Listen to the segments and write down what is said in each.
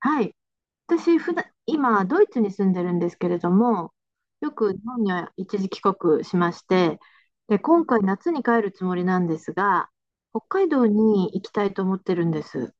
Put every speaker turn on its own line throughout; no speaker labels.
はい。私、普段、今、ドイツに住んでるんですけれども、よく日本には一時帰国しまして、で、今回夏に帰るつもりなんですが、北海道に行きたいと思ってるんです。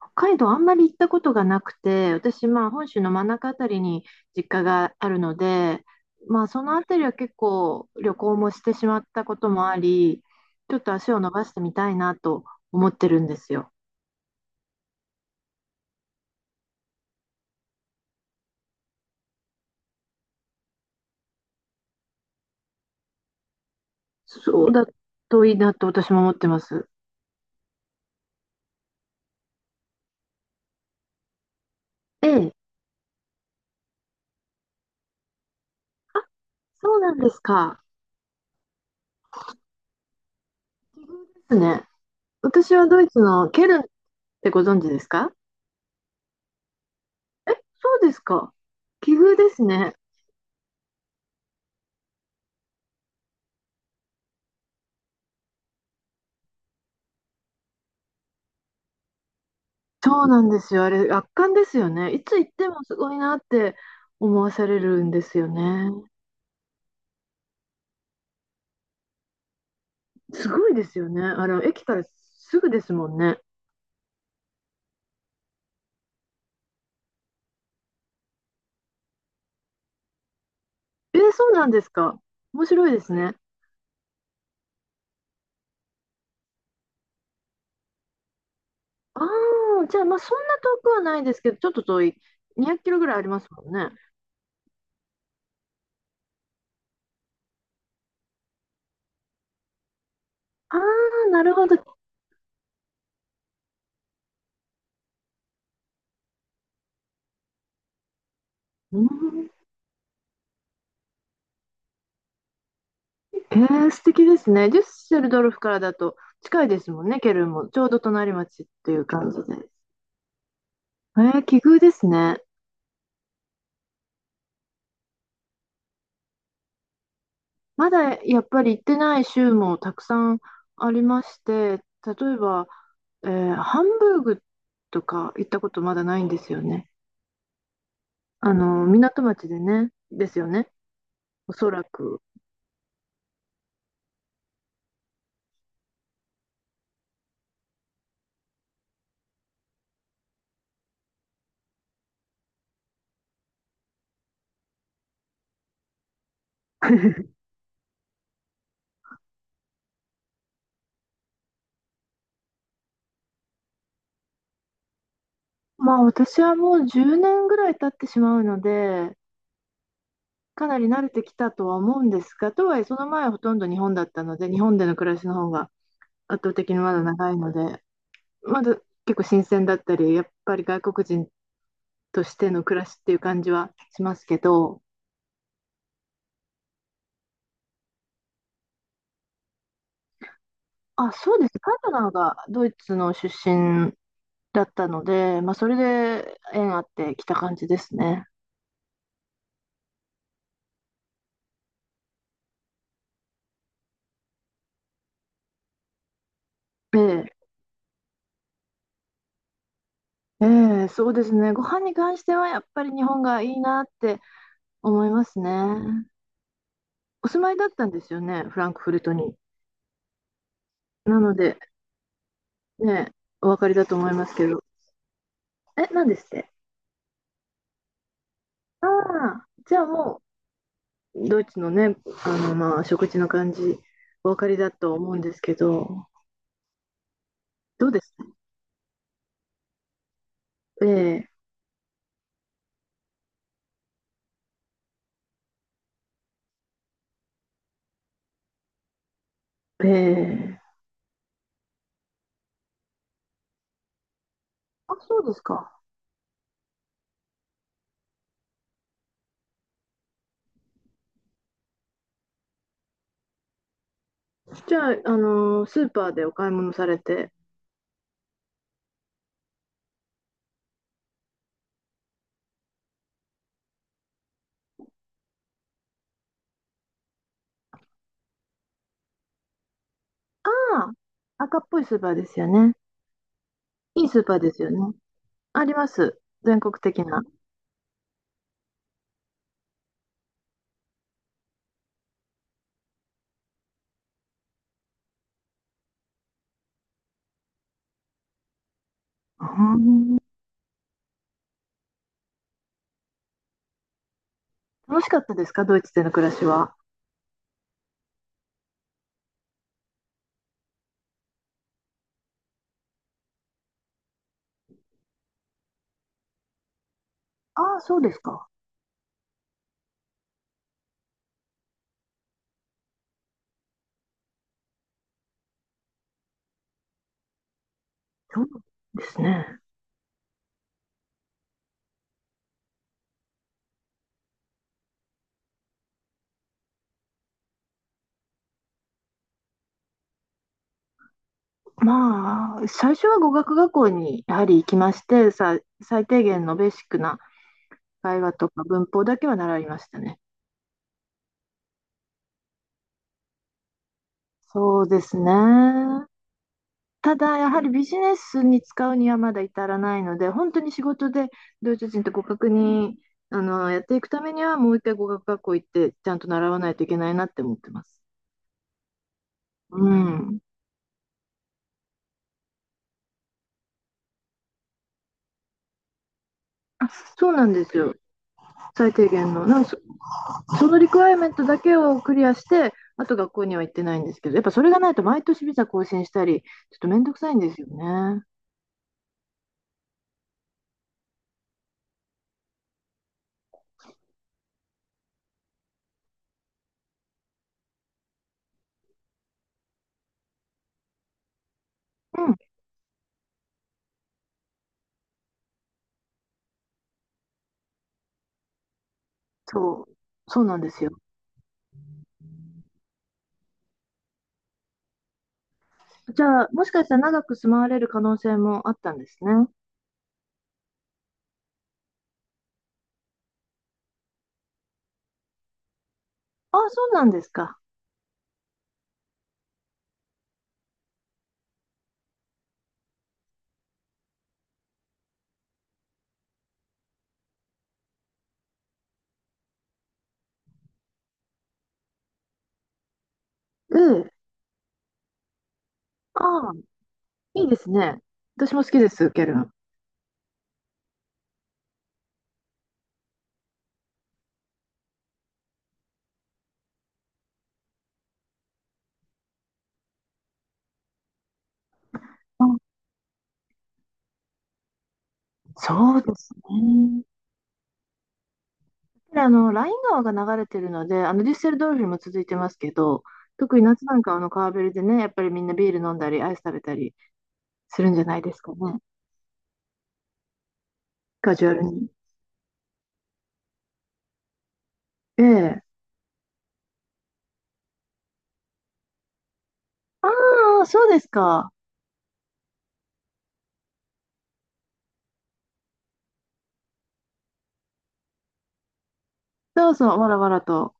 北海道あんまり行ったことがなくて、私、まあ、本州の真ん中あたりに実家があるので、まあ、そのあたりは結構旅行もしてしまったこともあり、ちょっと足を伸ばしてみたいなと思ってるんですよ。そうだといいなと私も思ってます。ええ、そうなんですか。奇遇ですね。私はドイツのケルンってご存知ですか？え、そうですか。奇遇ですね。そうなんですよ。あれ、圧巻ですよね。いつ行ってもすごいなって思わされるんですよね。すごいですよね。あの、駅からすぐですもんね。えー、そうなんですか。面白いですね。ああ、じゃあ、まあ、そんな遠くはないですけど、ちょっと遠い。200キロぐらいありますもんね。ああ、なるほど。うーんえー、素敵ですね。デュッセルドルフからだと近いですもんね、ケルンも。ちょうど隣町っていう感じで。えー、奇遇ですね。まだやっぱり行ってない州もたくさんありまして、例えば、ハンブーグとか行ったことまだないんですよね。あの、港町でね、ですよね、おそらく。まあ私はもう10年ぐらい経ってしまうので、かなり慣れてきたとは思うんですが、とはいえその前はほとんど日本だったので、日本での暮らしの方が圧倒的にまだ長いので、まだ結構新鮮だったり、やっぱり外国人としての暮らしっていう感じはしますけど、あ、そうです。パートナーがドイツの出身だったので、まあ、それで縁あってきた感じですね。ええ、ええ、そうですね。ご飯に関してはやっぱり日本がいいなって思いますね。お住まいだったんですよね、フランクフルトに。なので、ね、お分かりだと思いますけど。え、何ですって？ああ、じゃあも、ドイツのね、あの、まあ、食事の感じ、お分かりだと思うんですけど、どうです？ええ、ええ、あ、そうですか。じゃあ、あの、スーパーでお買い物されて、ああ、赤っぽいスーパーですよね。いいスーパーですよね。あります。全国的な。うん。楽しかったですかドイツでの暮らしは？ああ、そうですか。そうですね。まあ、最初は語学学校にやはり行きまして、さ、最低限のベーシックな会話とか文法だけは習いましたね。そうですね。ただ、やはりビジネスに使うにはまだ至らないので、本当に仕事でドイツ人と互角に、あの、やっていくためには、もう一回語学学校行って、ちゃんと習わないといけないなって思ってます。うん、そうなんですよ、最低限の。そのリクワイアメントだけをクリアして、あと学校には行ってないんですけど、やっぱそれがないと毎年ビザ更新したり、ちょっとめんどくさいんですよね。うん、そう、そうなんですよ。じゃあ、もしかしたら長く住まわれる可能性もあったんですね。ああ、そうなんですか。ええ。ああ、いいですね。私も好きです、ケルン。あ、そうですね。で、あの、ライン川が流れてるので、あの、デュッセルドルフも続いてますけど、特に夏なんかはあの川べりでね、やっぱりみんなビール飲んだり、アイス食べたりするんじゃないですかね。カジュアルに。ええ。ああ、そうですか。そうそう、わらわらと。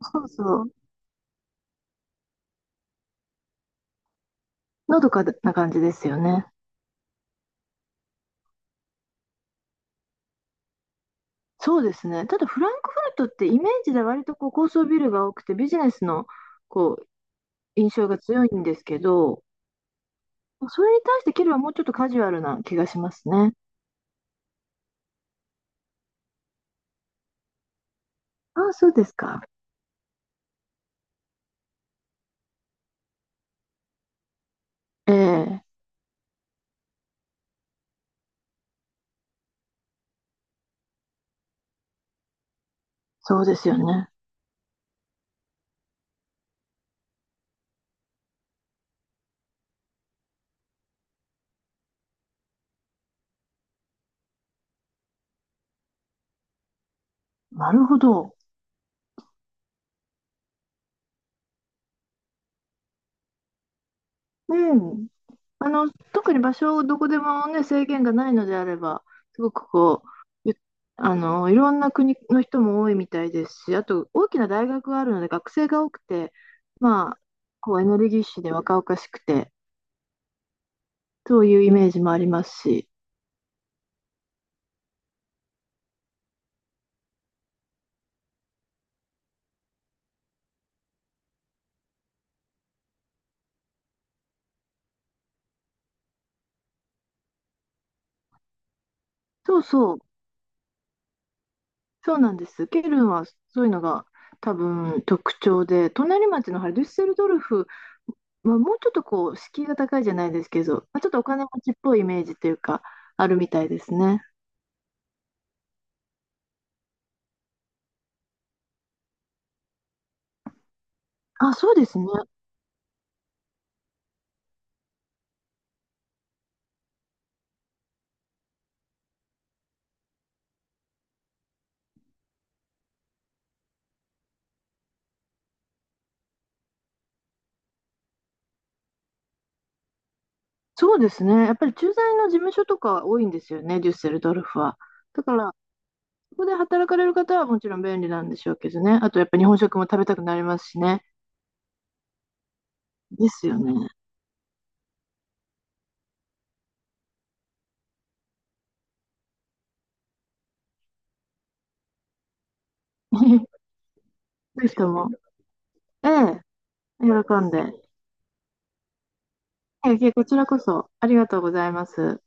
そうそう。のどかな感じですよね。そうですね。ただフランクフルトってイメージで割とこう高層ビルが多くてビジネスのこう印象が強いんですけど、それに対してケルンはもうちょっとカジュアルな気がしますね。ああ、そうですか。ええ、そうですよね。なるほど。うん。あの、特に場所をどこでもね、制限がないのであれば、すごくこう、ゆあの、いろんな国の人も多いみたいですし、あと大きな大学があるので学生が多くて、まあ、こうエネルギッシュで若々しくて、そういうイメージもありますし、そうそう、そうなんです。ケルンはそういうのが多分特徴で、隣町のハルデュッセルドルフはもうちょっとこう、敷居が高いじゃないですけど、まあちょっとお金持ちっぽいイメージというか、あるみたいですね。あ、そうですね。そうですね。やっぱり駐在の事務所とか多いんですよね、デュッセルドルフは。だから、そこで働かれる方はもちろん便利なんでしょうけどね。あと、やっぱ日本食も食べたくなりますしね。ですよね。ぜひとも、ええ、喜んで。ええ、こちらこそありがとうございます。